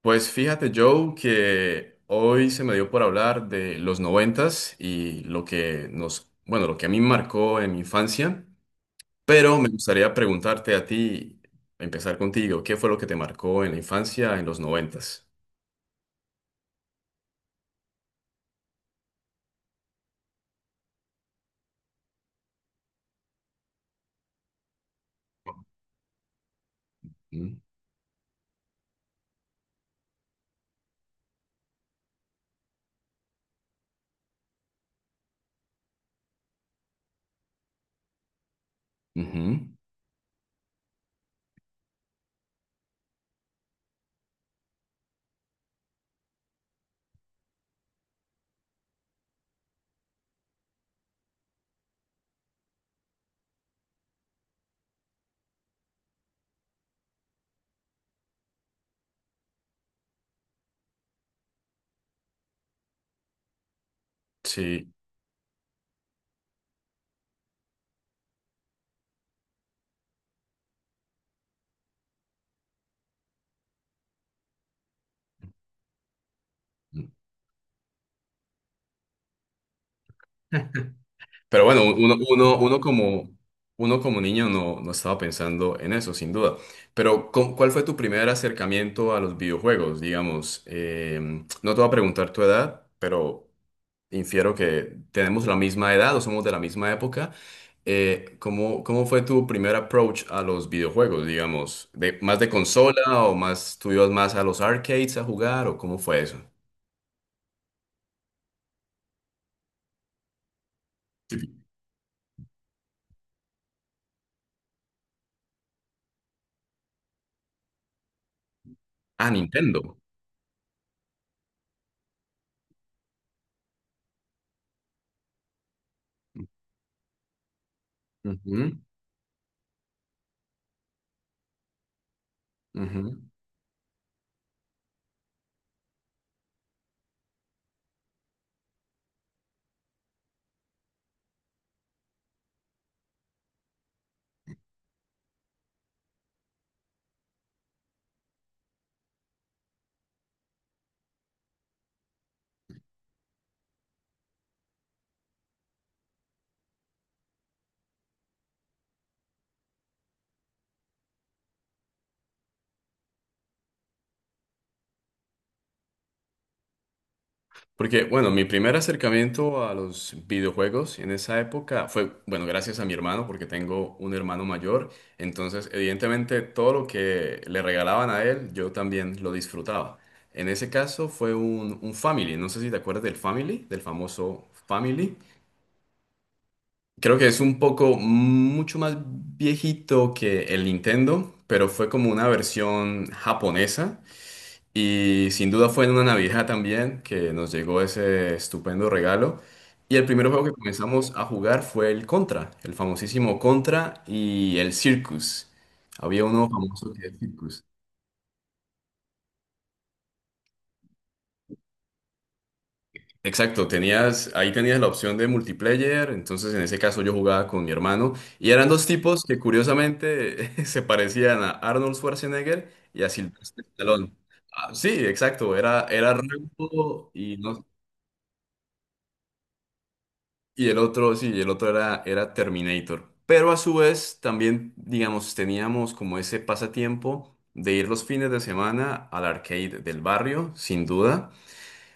Pues fíjate, Joe, que hoy se me dio por hablar de los noventas y lo que nos, bueno, lo que a mí me marcó en mi infancia, pero me gustaría preguntarte a ti, empezar contigo, ¿qué fue lo que te marcó en la infancia en los noventas? Mm. Ujú. Sí. Pero bueno, uno como niño no, no estaba pensando en eso, sin duda. Pero, ¿cuál fue tu primer acercamiento a los videojuegos? Digamos, no te voy a preguntar tu edad, pero infiero que tenemos la misma edad o somos de la misma época. ¿Cómo, cómo fue tu primer approach a los videojuegos, digamos? ¿De más de consola o más tú ibas más a los arcades a jugar o cómo fue eso? Ah, Nintendo. Ujú, ujú. Porque, bueno, mi primer acercamiento a los videojuegos en esa época fue, bueno, gracias a mi hermano, porque tengo un hermano mayor. Entonces, evidentemente, todo lo que le regalaban a él, yo también lo disfrutaba. En ese caso fue un Family. No sé si te acuerdas del Family, del famoso Family. Creo que es un poco mucho más viejito que el Nintendo, pero fue como una versión japonesa y sin duda fue en una Navidad también que nos llegó ese estupendo regalo. Y el primer juego que comenzamos a jugar fue el Contra, el famosísimo Contra y el Circus. Había uno famoso que era Circus. Exacto, tenías, ahí tenías la opción de multiplayer, entonces en ese caso yo jugaba con mi hermano y eran dos tipos que curiosamente se parecían a Arnold Schwarzenegger y a Sylvester Stallone. Ah, sí, exacto, era rango y no. Y el otro, sí, y el otro era Terminator. Pero a su vez también, digamos, teníamos como ese pasatiempo de ir los fines de semana al arcade del barrio, sin duda.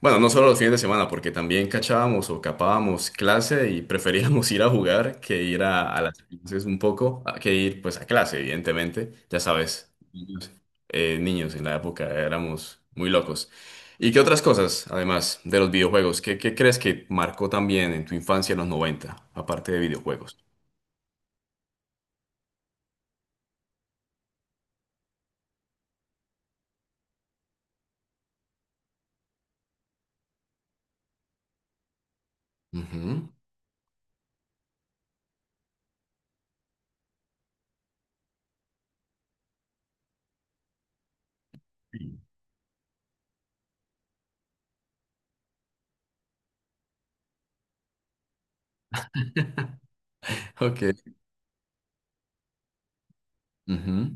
Bueno, no solo los fines de semana, porque también cachábamos o capábamos clase y preferíamos ir a jugar que ir a las clases un poco, que ir pues a clase, evidentemente. Ya sabes, niños, niños en la época éramos muy locos. ¿Y qué otras cosas, además de los videojuegos? ¿Qué, qué crees que marcó también en tu infancia en los noventa, aparte de videojuegos? Ujú. Ok. Ujú.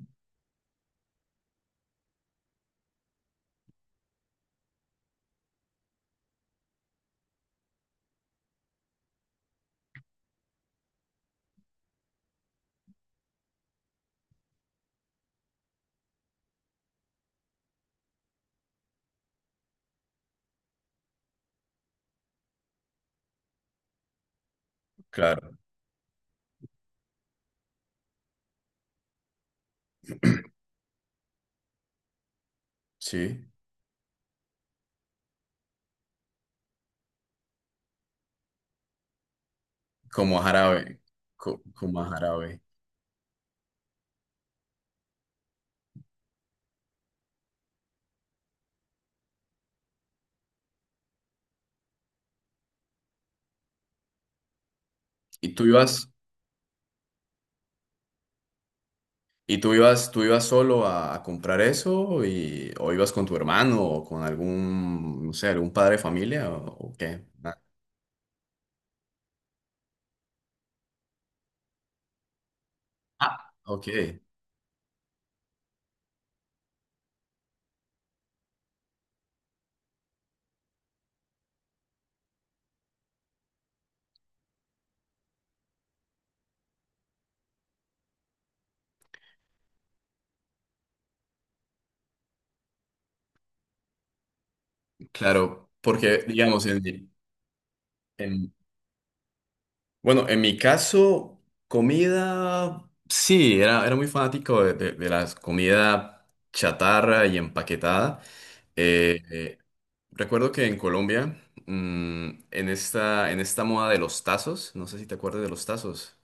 Claro, sí. Como a jarabe. Como a jarabe. ¿Y tú ibas? ¿Y tú ibas solo a comprar eso? Y, ¿o ibas con tu hermano o con algún, no sé, algún padre de familia, o qué? Ah. Ah, ok. Claro, porque digamos, en- bueno, en mi caso, comida, sí, era, era muy fanático de las comida chatarra y empaquetada. Eh, eh, recuerdo que en Colombia, en esta moda de los tazos, no sé si te acuerdas de los tazos.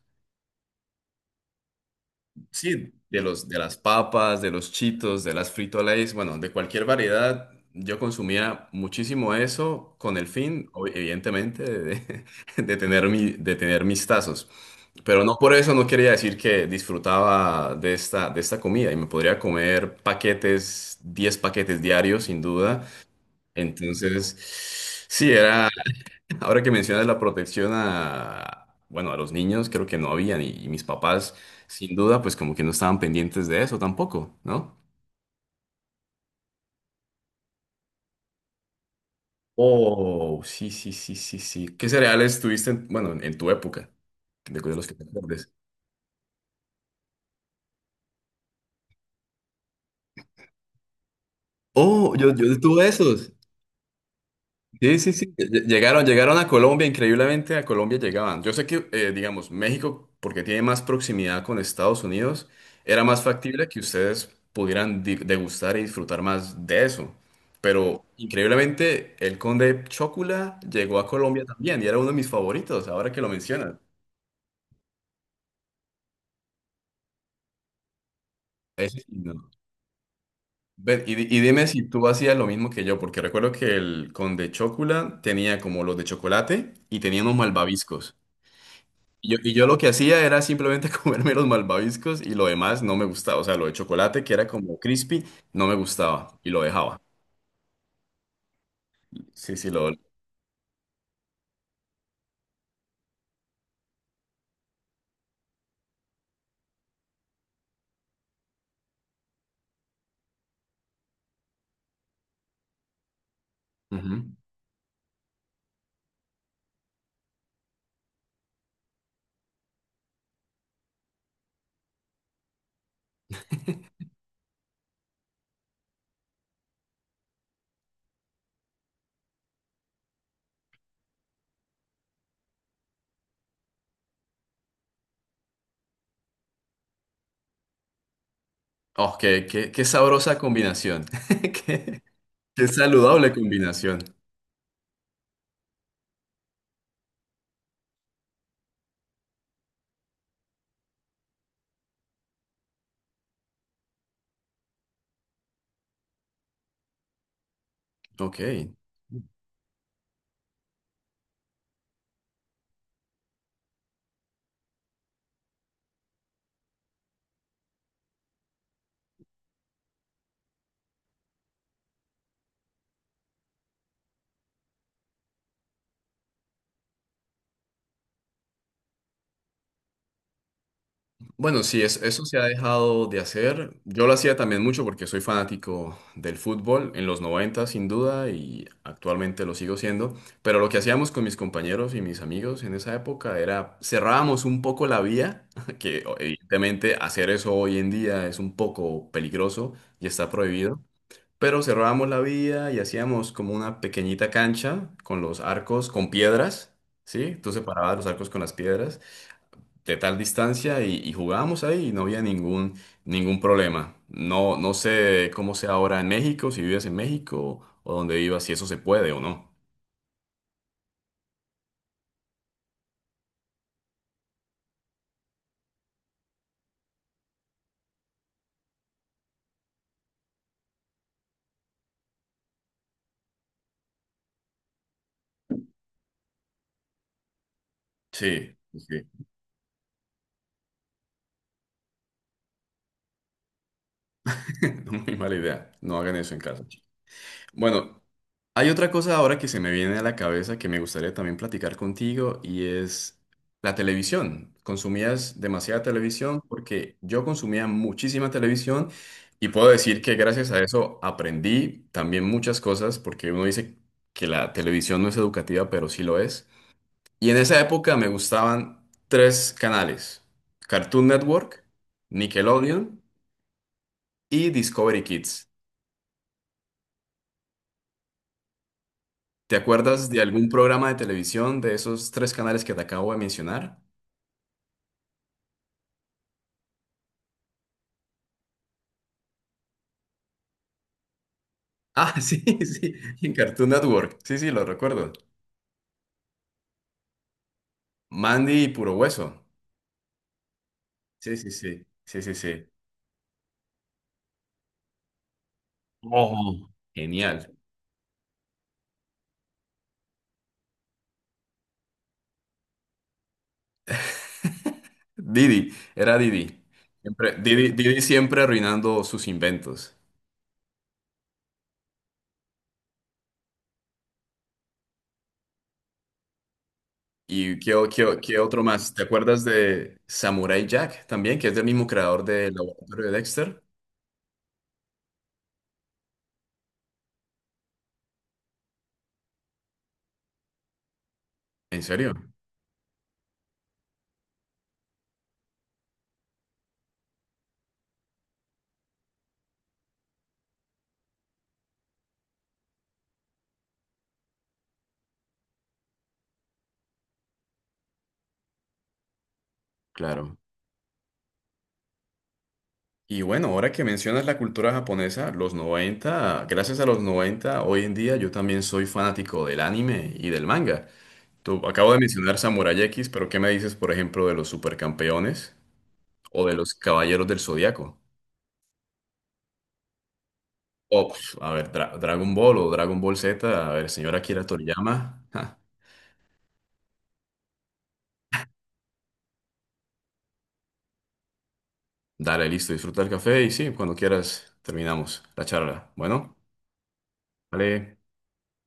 Sí, de los, de las papas, de los chitos, de las Frito Lays, bueno, de cualquier variedad. Yo consumía muchísimo eso con el fin, evidentemente, de, de tener mi, de tener mis tazos. Pero no por eso no quería decir que disfrutaba de esta comida y me podría comer paquetes, 10 paquetes diarios, sin duda. Entonces, sí, era. Ahora que mencionas la protección a, bueno, a los niños, creo que no habían y mis papás, sin duda, pues como que no estaban pendientes de eso tampoco, ¿no? Oh, sí, sí, sí, sí, sí. ¿Qué cereales tuviste, bueno, en tu época, de los que te acuerdes? Oh, yo tuve esos. Sí, sí, sí. Llegaron, llegaron a Colombia, increíblemente a Colombia llegaban. Yo sé que, digamos, México, porque tiene más proximidad con Estados Unidos, era más factible que ustedes pudieran degustar y disfrutar más de eso. Pero increíblemente, el Conde Chocula llegó a Colombia también y era uno de mis favoritos, ahora que lo mencionas. Ese sí, no. Ven, y dime si tú hacías lo mismo que yo, porque recuerdo que el Conde Chocula tenía como los de chocolate y tenía unos malvaviscos. Y yo lo que hacía era simplemente comerme los malvaviscos y lo demás no me gustaba. O sea, lo de chocolate, que era como crispy, no me gustaba y lo dejaba. Sí, sí, lo... Ujú. Oh, qué, qué, qué sabrosa combinación. Qué, qué saludable combinación. Ok. Bueno, sí, eso se ha dejado de hacer. Yo lo hacía también mucho porque soy fanático del fútbol en los 90, sin duda, y actualmente lo sigo siendo. Pero lo que hacíamos con mis compañeros y mis amigos en esa época era cerrábamos un poco la vía, que evidentemente hacer eso hoy en día es un poco peligroso y está prohibido. Pero cerrábamos la vía y hacíamos como una pequeñita cancha con los arcos, con piedras, ¿sí? Tú separabas los arcos con las piedras de tal distancia y jugábamos ahí y no había ningún, ningún problema. No, no sé cómo sea ahora en México, si vives en México o donde vivas, si eso se puede o no. Sí, sí. Muy mala idea. No hagan eso en casa. Bueno, hay otra cosa ahora que se me viene a la cabeza que me gustaría también platicar contigo y es la televisión. Consumías demasiada televisión porque yo consumía muchísima televisión y puedo decir que gracias a eso aprendí también muchas cosas porque uno dice que la televisión no es educativa, pero sí lo es. Y en esa época me gustaban tres canales: Cartoon Network, Nickelodeon y Discovery Kids. ¿Te acuerdas de algún programa de televisión de esos tres canales que te acabo de mencionar? Ah, sí, sí, en Cartoon Network. Sí, sí, lo recuerdo. Mandy y Puro Hueso. Sí, sí, sí, sí, sí, sí. Oh. Genial. Didi, era Didi. Siempre, Didi, Didi siempre arruinando sus inventos. ¿Y qué, qué, qué otro más? ¿Te acuerdas de Samurai Jack también, que es del mismo creador del Laboratorio de Dexter? ¿En serio? Claro. Y bueno, ahora que mencionas la cultura japonesa, los 90, gracias a los 90, hoy en día yo también soy fanático del anime y del manga. Tú, acabo de mencionar Samurai X, pero ¿qué me dices, por ejemplo, de los supercampeones o de los Caballeros del Zodiaco? O, pf, a ver, Dragon Ball o Dragon Ball Z, a ver, señora Akira Toriyama. Ja, dale, listo, disfruta el café y sí, cuando quieras terminamos la charla. Bueno, vale.